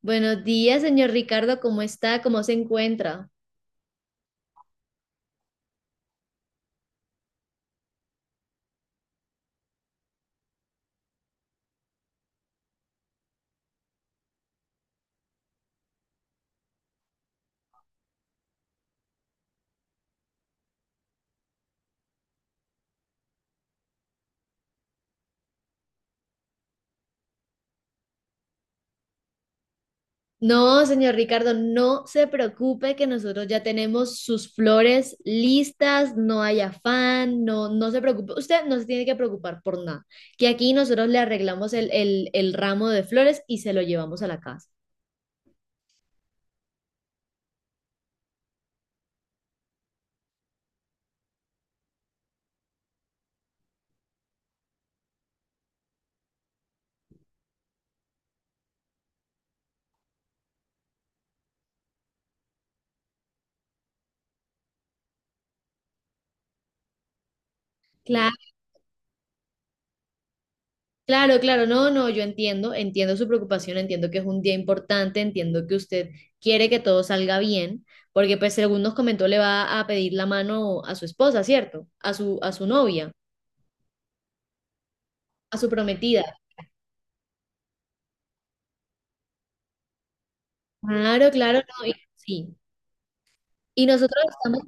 Buenos días, señor Ricardo, ¿cómo está? ¿Cómo se encuentra? No, señor Ricardo, no se preocupe que nosotros ya tenemos sus flores listas, no hay afán, no, no se preocupe, usted no se tiene que preocupar por nada, que aquí nosotros le arreglamos el ramo de flores y se lo llevamos a la casa. Claro. Claro, claro, no, no, yo entiendo, entiendo su preocupación, entiendo que es un día importante, entiendo que usted quiere que todo salga bien, porque pues según nos comentó le va a pedir la mano a su esposa, ¿cierto? A su novia, a su prometida. Claro, claro, no, sí. Y nosotros estamos.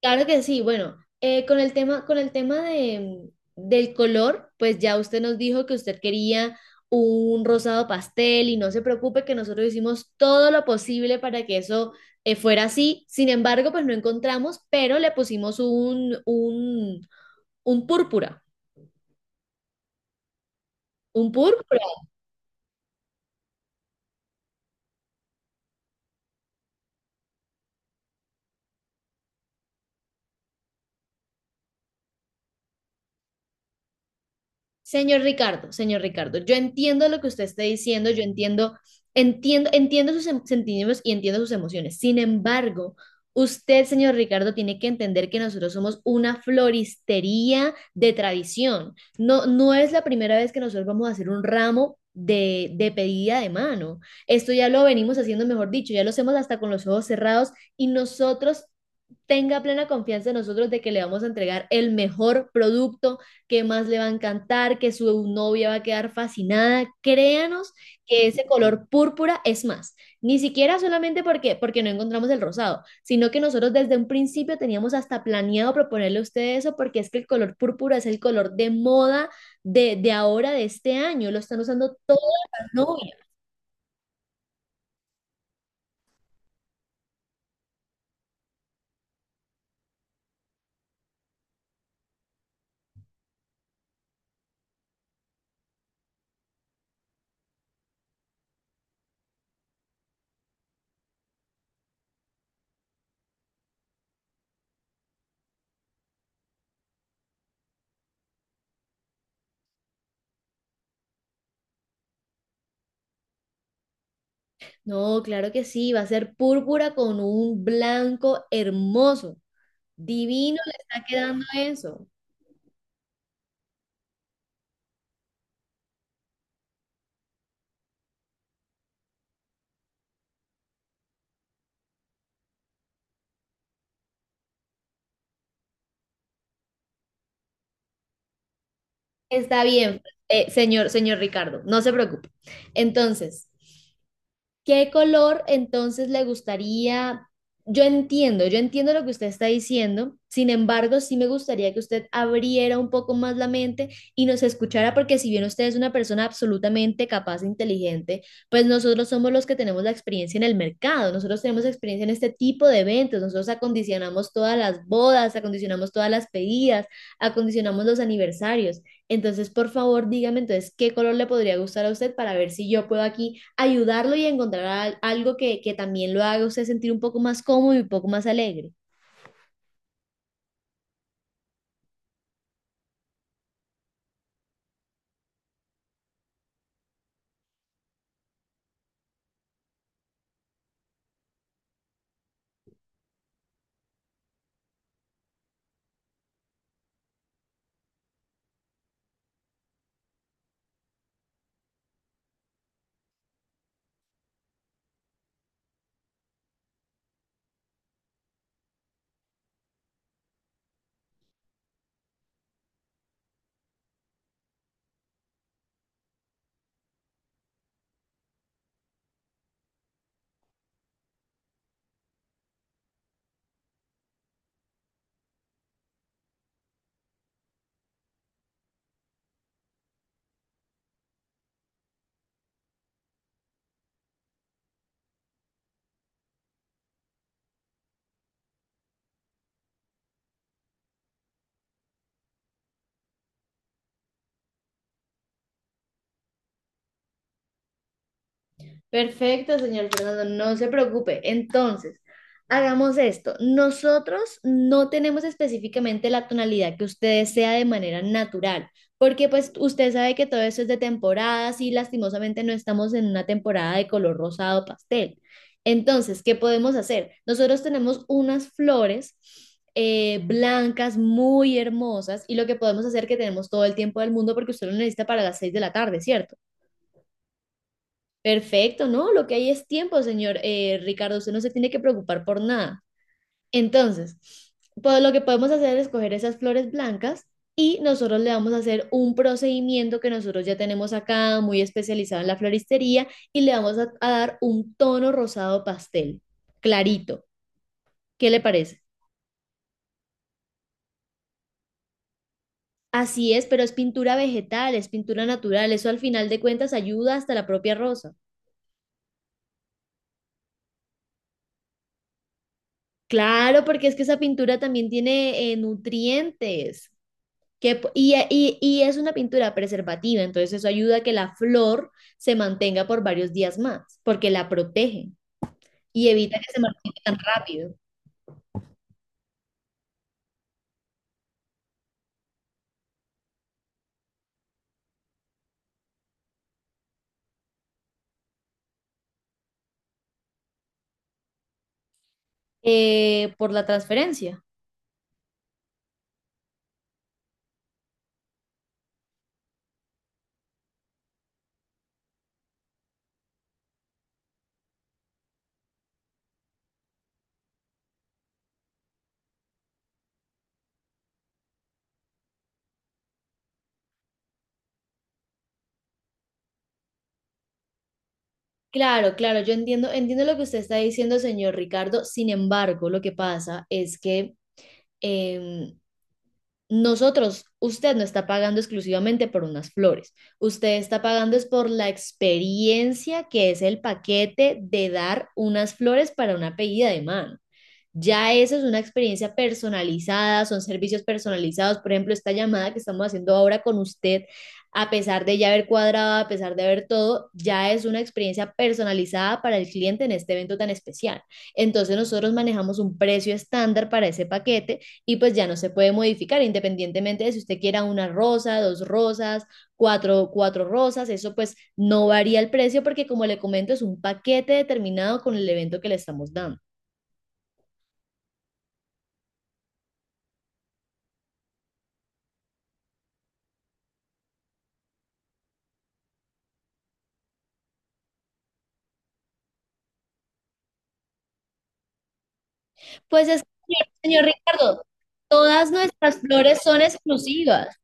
Claro que sí. Bueno, con el tema del color, pues ya usted nos dijo que usted quería un rosado pastel y no se preocupe que nosotros hicimos todo lo posible para que eso fuera así. Sin embargo, pues no encontramos, pero le pusimos un púrpura. Un púrpura. Señor Ricardo, yo entiendo lo que usted está diciendo, yo entiendo, entiendo sus sentimientos y entiendo sus emociones. Sin embargo, usted, señor Ricardo, tiene que entender que nosotros somos una floristería de tradición. No, no es la primera vez que nosotros vamos a hacer un ramo de pedida de mano. Esto ya lo venimos haciendo, mejor dicho, ya lo hacemos hasta con los ojos cerrados y nosotros tenga plena confianza en nosotros de que le vamos a entregar el mejor producto qué más le va a encantar, que su novia va a quedar fascinada. Créanos que ese color púrpura es más, ni siquiera solamente porque no encontramos el rosado, sino que nosotros desde un principio teníamos hasta planeado proponerle a ustedes eso porque es que el color púrpura es el color de moda de ahora, de este año, lo están usando todas las novias. No, claro que sí, va a ser púrpura con un blanco hermoso. Divino le está quedando eso. Está bien, señor Ricardo, no se preocupe. Entonces, ¿qué color entonces le gustaría? Yo entiendo lo que usted está diciendo, sin embargo, sí me gustaría que usted abriera un poco más la mente y nos escuchara, porque si bien usted es una persona absolutamente capaz e inteligente, pues nosotros somos los que tenemos la experiencia en el mercado, nosotros tenemos experiencia en este tipo de eventos, nosotros acondicionamos todas las bodas, acondicionamos todas las pedidas, acondicionamos los aniversarios. Entonces, por favor, dígame entonces qué color le podría gustar a usted para ver si yo puedo aquí ayudarlo y encontrar algo que también lo haga a usted sentir un poco más cómodo y un poco más alegre. Perfecto, señor Fernando, no se preocupe. Entonces, hagamos esto. Nosotros no tenemos específicamente la tonalidad que usted desea de manera natural, porque pues usted sabe que todo eso es de temporadas y lastimosamente no estamos en una temporada de color rosado pastel. Entonces, ¿qué podemos hacer? Nosotros tenemos unas flores blancas muy hermosas y lo que podemos hacer que tenemos todo el tiempo del mundo porque usted lo necesita para las seis de la tarde, ¿cierto? Perfecto, no, lo que hay es tiempo, señor Ricardo, usted no se tiene que preocupar por nada. Entonces, pues lo que podemos hacer es coger esas flores blancas y nosotros le vamos a hacer un procedimiento que nosotros ya tenemos acá, muy especializado en la floristería, y le vamos a dar un tono rosado pastel, clarito. ¿Qué le parece? Así es, pero es pintura vegetal, es pintura natural, eso al final de cuentas ayuda hasta la propia rosa. Claro, porque es que esa pintura también tiene nutrientes. Que, po- y es una pintura preservativa, entonces eso ayuda a que la flor se mantenga por varios días más, porque la protege y evita que se marchite tan rápido por la transferencia. Claro, claro, yo entiendo, entiendo lo que usted está diciendo, señor Ricardo. Sin embargo, lo que pasa es que em, nosotros, usted no está pagando exclusivamente por unas flores. Usted está pagando es por la experiencia que es el paquete de dar unas flores para una pedida de mano. Ya eso es una experiencia personalizada, son servicios personalizados. Por ejemplo, esta llamada que estamos haciendo ahora con usted, a pesar de ya haber cuadrado, a pesar de haber todo, ya es una experiencia personalizada para el cliente en este evento tan especial. Entonces nosotros manejamos un precio estándar para ese paquete y pues ya no se puede modificar independientemente de si usted quiera una rosa, dos rosas, cuatro rosas. Eso pues no varía el precio porque como le comento es un paquete determinado con el evento que le estamos dando. Pues es que, señor Ricardo, todas nuestras flores son exclusivas.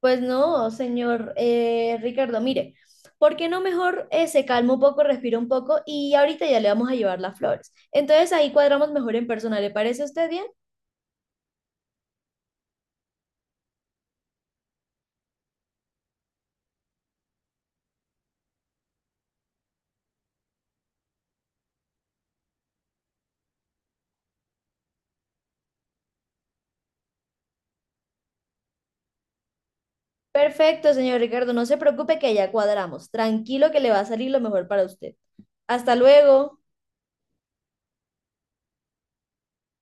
Pues no, señor Ricardo, mire, ¿por qué no mejor se calma un poco, respira un poco y ahorita ya le vamos a llevar las flores? Entonces ahí cuadramos mejor en persona, ¿le parece a usted bien? Perfecto, señor Ricardo, no se preocupe que ya cuadramos. Tranquilo que le va a salir lo mejor para usted. Hasta luego.